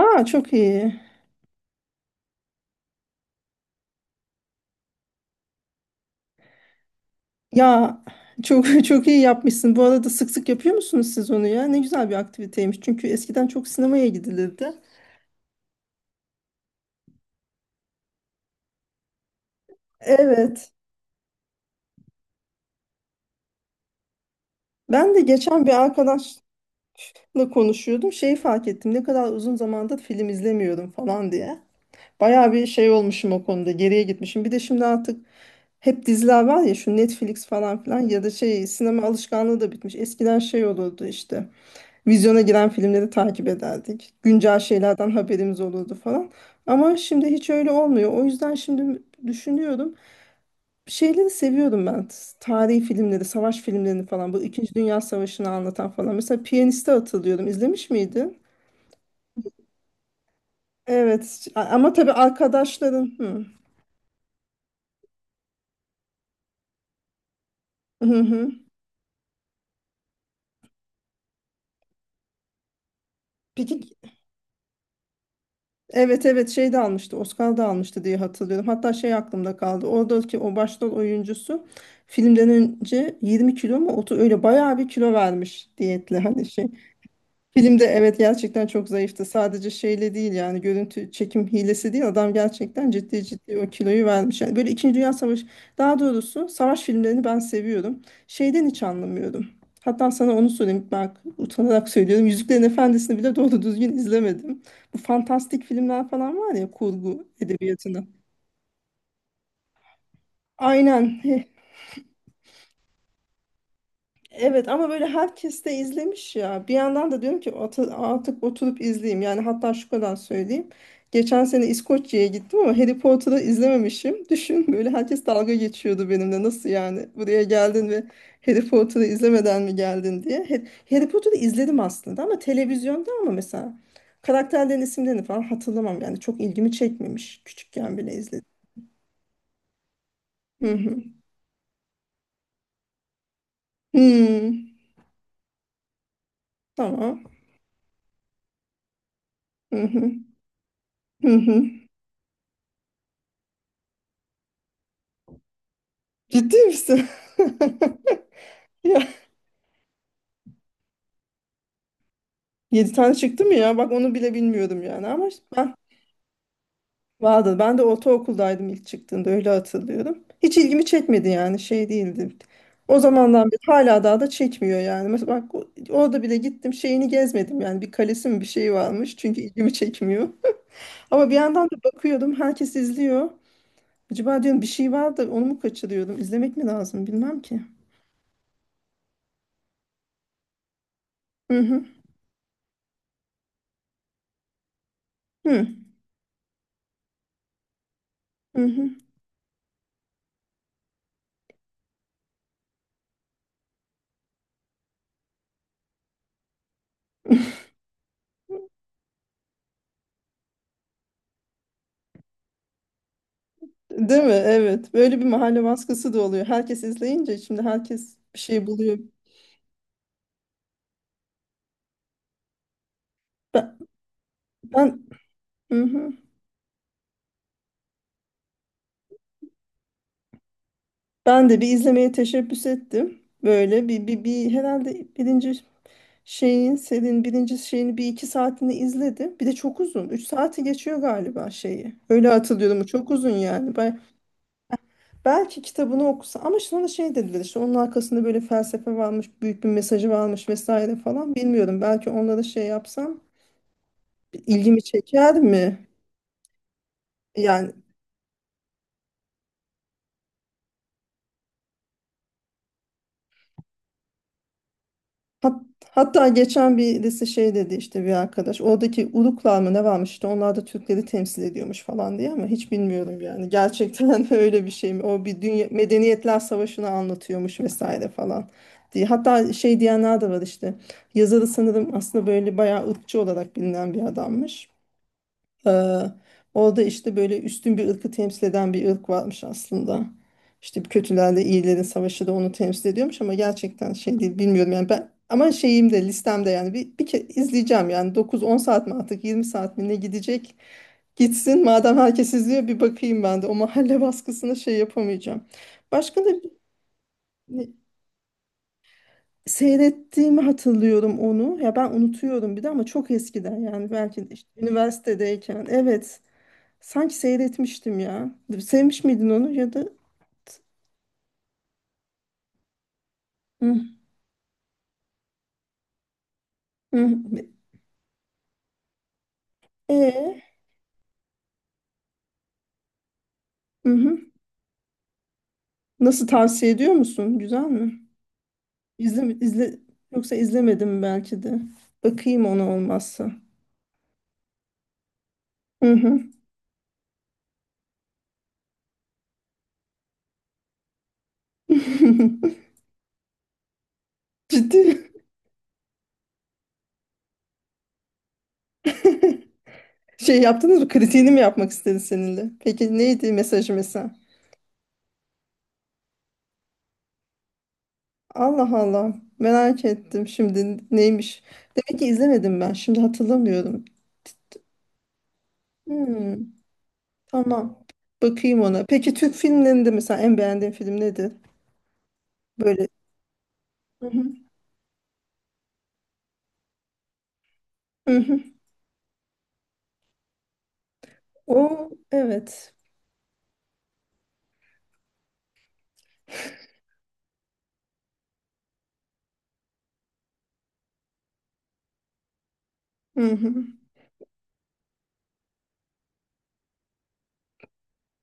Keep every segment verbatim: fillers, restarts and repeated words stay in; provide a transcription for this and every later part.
Aa, çok iyi. Ya çok çok iyi yapmışsın. Bu arada sık sık yapıyor musunuz siz onu ya? Ne güzel bir aktiviteymiş. Çünkü eskiden çok sinemaya gidilirdi. Evet. Ben de geçen bir arkadaşla konuşuyordum. Şeyi fark ettim. Ne kadar uzun zamandır film izlemiyorum falan diye. Bayağı bir şey olmuşum o konuda. Geriye gitmişim. Bir de şimdi artık hep diziler var ya, şu Netflix falan filan, ya da şey, sinema alışkanlığı da bitmiş. Eskiden şey olurdu işte. Vizyona giren filmleri takip ederdik. Güncel şeylerden haberimiz olurdu falan. Ama şimdi hiç öyle olmuyor. O yüzden şimdi düşünüyorum. Şeyleri seviyorum ben. Tarihi filmleri, savaş filmlerini falan. Bu İkinci Dünya Savaşı'nı anlatan falan. Mesela Piyanist'i hatırlıyorum. İzlemiş miydin? Evet. A- Ama tabii arkadaşların... Hı. Hı hı. Peki. Evet, evet, şey de almıştı, Oscar da almıştı diye hatırlıyorum. Hatta şey aklımda kaldı. Oradaki o başrol oyuncusu filmden önce yirmi kilo mu otu, öyle bayağı bir kilo vermiş diyetle, hani şey. Filmde evet, gerçekten çok zayıftı. Sadece şeyle değil, yani görüntü çekim hilesi değil. Adam gerçekten ciddi ciddi o kiloyu vermiş. Yani böyle İkinci Dünya Savaşı, daha doğrusu savaş filmlerini ben seviyorum. Şeyden hiç anlamıyorum. Hatta sana onu söyleyeyim. Bak, utanarak söylüyorum. Yüzüklerin Efendisi'ni bile doğru düzgün izlemedim. Bu fantastik filmler falan var ya, kurgu edebiyatına. Aynen. Evet ama böyle herkes de izlemiş ya. Bir yandan da diyorum ki, "Atı- artık oturup izleyeyim." Yani hatta şu kadar söyleyeyim. Geçen sene İskoçya'ya gittim ama Harry Potter'ı izlememişim. Düşün, böyle herkes dalga geçiyordu benimle. Nasıl yani, buraya geldin ve Harry Potter'ı izlemeden mi geldin diye. He- Harry Potter'ı izledim aslında ama televizyonda, ama mesela karakterlerin isimlerini falan hatırlamam. Yani çok ilgimi çekmemiş. Küçükken bile izledim. Hı hı. Hmm. Tamam. Hı hı. Hı hı. Ciddi misin? Ya, yedi tane çıktı mı ya? Bak, onu bile bilmiyordum yani. Ama ben vardı. Ben de ortaokuldaydım ilk çıktığında, öyle hatırlıyorum. Hiç ilgimi çekmedi yani, şey değildi. O zamandan beri hala daha da çekmiyor yani. Mesela bak, o- orada bile gittim şeyini gezmedim yani, bir kalesi mi bir şey varmış, çünkü ilgimi çekmiyor. Ama bir yandan da bakıyordum, herkes izliyor. Acaba diyorum, bir şey var da onu mu kaçırıyordum? İzlemek mi lazım, bilmem ki. Hı hı. Hı hı. Değil mi? Evet. Böyle bir mahalle baskısı da oluyor. Herkes izleyince şimdi herkes bir şey buluyor. Ben ben, hı hı. Ben de bir izlemeye teşebbüs ettim. Böyle bir, bir, bir herhalde birinci şeyin, serinin birinci şeyini bir iki saatini izledim. Bir de çok uzun. Üç saati geçiyor galiba şeyi. Öyle hatırlıyorum. Çok uzun yani. Ben, belki kitabını okusa, ama sonra şey dediler işte, onun arkasında böyle felsefe varmış, büyük bir mesajı varmış vesaire falan. Bilmiyorum. Belki onlara şey yapsam ilgimi çeker mi? Yani hat- hatta geçen birisi şey dedi, işte bir arkadaş, oradaki Uruklar mı ne varmış, işte onlar da Türkleri temsil ediyormuş falan diye, ama hiç bilmiyorum yani gerçekten. Öyle bir şey mi o, bir dünya medeniyetler savaşını anlatıyormuş vesaire falan diye. Hatta şey diyenler de var işte, yazarı sanırım aslında böyle bayağı ırkçı olarak bilinen bir adammış. Ee, orada işte böyle üstün bir ırkı temsil eden bir ırk varmış aslında. İşte kötülerle iyilerin savaşı da onu temsil ediyormuş, ama gerçekten şey değil, bilmiyorum yani ben. Ama şeyim de listemde yani, bir, bir kere izleyeceğim yani, dokuz on saat mi artık, yirmi saat mi, ne gidecek gitsin, madem herkes izliyor bir bakayım, ben de o mahalle baskısına şey yapamayacağım. Başka da ne- seyrettiğimi hatırlıyorum onu ya, ben unutuyorum bir de, ama çok eskiden yani, belki de işte üniversitedeyken, evet. Sanki seyretmiştim ya. Sevmiş miydin onu, ya da... Hı, hı. E, hı hı. Nasıl, tavsiye ediyor musun? Güzel mi? İzle, izle, yoksa izlemedim belki de. Bakayım ona olmazsa. Hı hı. Ciddi. Şey yaptınız mı? Kritiğini mi yapmak istedi seninle? Peki neydi mesajı mesela? Allah Allah. Merak ettim şimdi neymiş. Demek ki izlemedim ben. Şimdi hatırlamıyorum. Hmm. Tamam. Bakayım ona. Peki Türk filmlerinde mesela en beğendiğin film nedir? Böyle. Hı hı. Hı hı. O evet. Hı hı.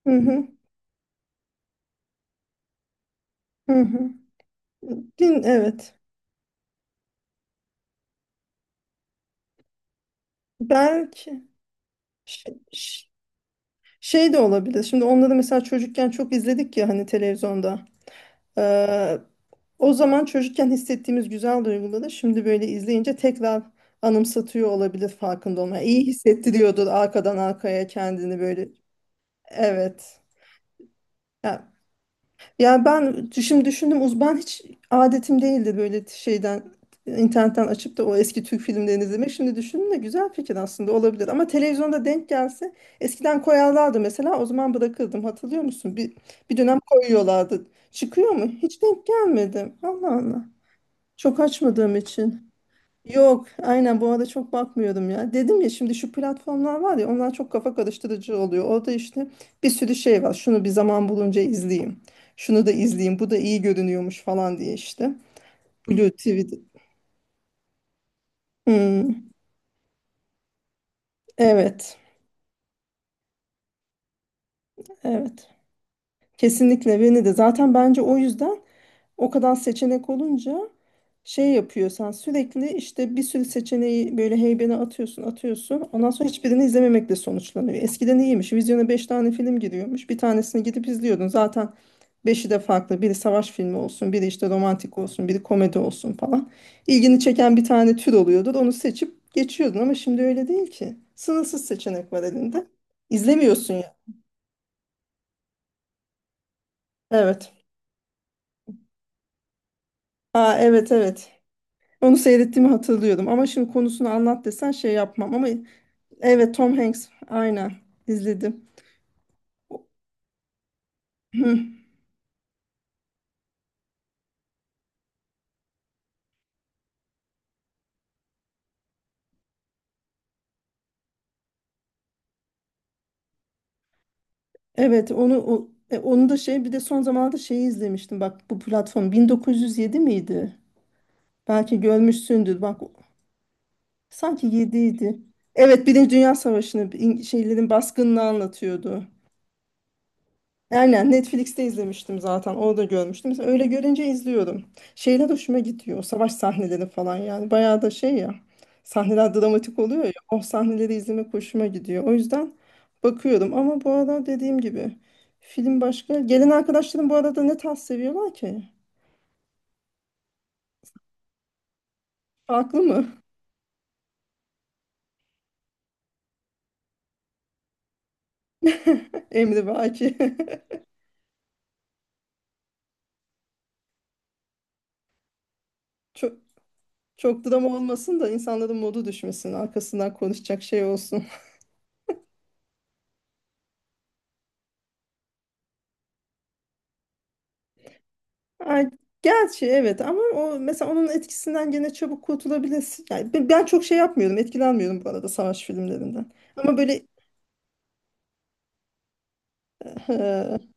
Hı hı. Hı hı. Din evet. Belki ş- ş- şey de olabilir. Şimdi onları mesela çocukken çok izledik ya hani, televizyonda. Ee, o zaman çocukken hissettiğimiz güzel duyguları şimdi böyle izleyince tekrar anımsatıyor olabilir, farkında olmayan. İyi hissettiriyordur arkadan arkaya kendini böyle. Evet. Ya, yani ben şimdi düşündüm, uzman hiç adetim değildi böyle şeyden, internetten açıp da o eski Türk filmlerini izlemek. Şimdi düşündüm de güzel fikir aslında, olabilir. Ama televizyonda denk gelse, eskiden koyarlardı mesela, o zaman bırakırdım, hatırlıyor musun? Bir, bir dönem koyuyorlardı. Çıkıyor mu? Hiç denk gelmedim. Allah Allah. Çok açmadığım için. Yok, aynen bu arada çok bakmıyordum ya. Dedim ya, şimdi şu platformlar var ya, onlar çok kafa karıştırıcı oluyor. Orada işte bir sürü şey var. Şunu bir, zaman bulunca izleyeyim. Şunu da izleyeyim. Bu da iyi görünüyormuş falan diye işte. Blue T V'de. Hmm, evet. Evet. Kesinlikle beni de. Zaten bence o yüzden, o kadar seçenek olunca şey yapıyor, sen sürekli işte bir sürü seçeneği böyle heybene atıyorsun atıyorsun. Ondan sonra hiçbirini izlememekle sonuçlanıyor. Eskiden iyiymiş. Vizyona beş tane film giriyormuş. Bir tanesini gidip izliyordun. Zaten beşi de farklı. Biri savaş filmi olsun, biri işte romantik olsun, biri komedi olsun falan. İlgini çeken bir tane tür oluyordu. Onu seçip geçiyordun, ama şimdi öyle değil ki. Sınırsız seçenek var elinde. İzlemiyorsun ya. Evet. Aa, evet, evet. Onu seyrettiğimi hatırlıyorum ama şimdi konusunu anlat desen şey yapmam, ama evet, Tom Hanks, aynen, izledim. O- Hı. Evet, onu o- e, onu da şey, bir de son zamanlarda şeyi izlemiştim, bak bu platform, bin dokuz yüz yedi miydi? Belki görmüşsündür, bak sanki yedi idi. Evet, Birinci Dünya Savaşı'nı, in- şeylerin baskınını anlatıyordu. Aynen, Netflix'te izlemiştim zaten. Orada görmüştüm. Mesela öyle görünce izliyorum. Şeyler hoşuma gidiyor. Savaş sahneleri falan yani. Bayağı da şey ya. Sahneler dramatik oluyor ya. O sahneleri izlemek hoşuma gidiyor. O yüzden bakıyorum. Ama bu arada dediğim gibi, film başka. Gelen arkadaşlarım bu arada ne tarz seviyorlar ki? Farklı mı? Emri belki. Çok, çok drama olmasın da insanların modu düşmesin. Arkasından konuşacak şey olsun. Ay, gerçi evet, ama o mesela onun etkisinden gene çabuk kurtulabilirsin. Yani ben, ben çok şey yapmıyorum, etkilenmiyorum bu arada savaş filmlerinden. Ama böyle eee,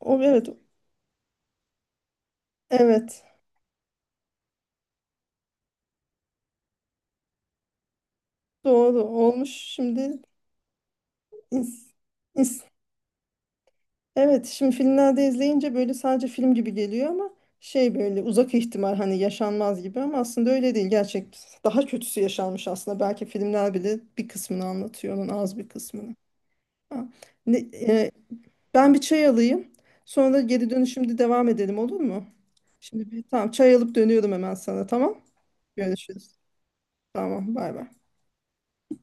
o evet, evet, doğru, olmuş şimdi, ins- ins- evet şimdi filmlerde izleyince böyle sadece film gibi geliyor, ama şey, böyle uzak ihtimal, hani yaşanmaz gibi, ama aslında öyle değil, gerçek daha kötüsü yaşanmış aslında, belki filmler bile bir kısmını anlatıyor onun, az bir kısmını. Ha. Ne, e, ben bir çay alayım. Sonra da geri dönüşümde devam edelim, olur mu? Şimdi bir, tamam, çay alıp dönüyorum hemen sana, tamam. Görüşürüz. Tamam, bay bay.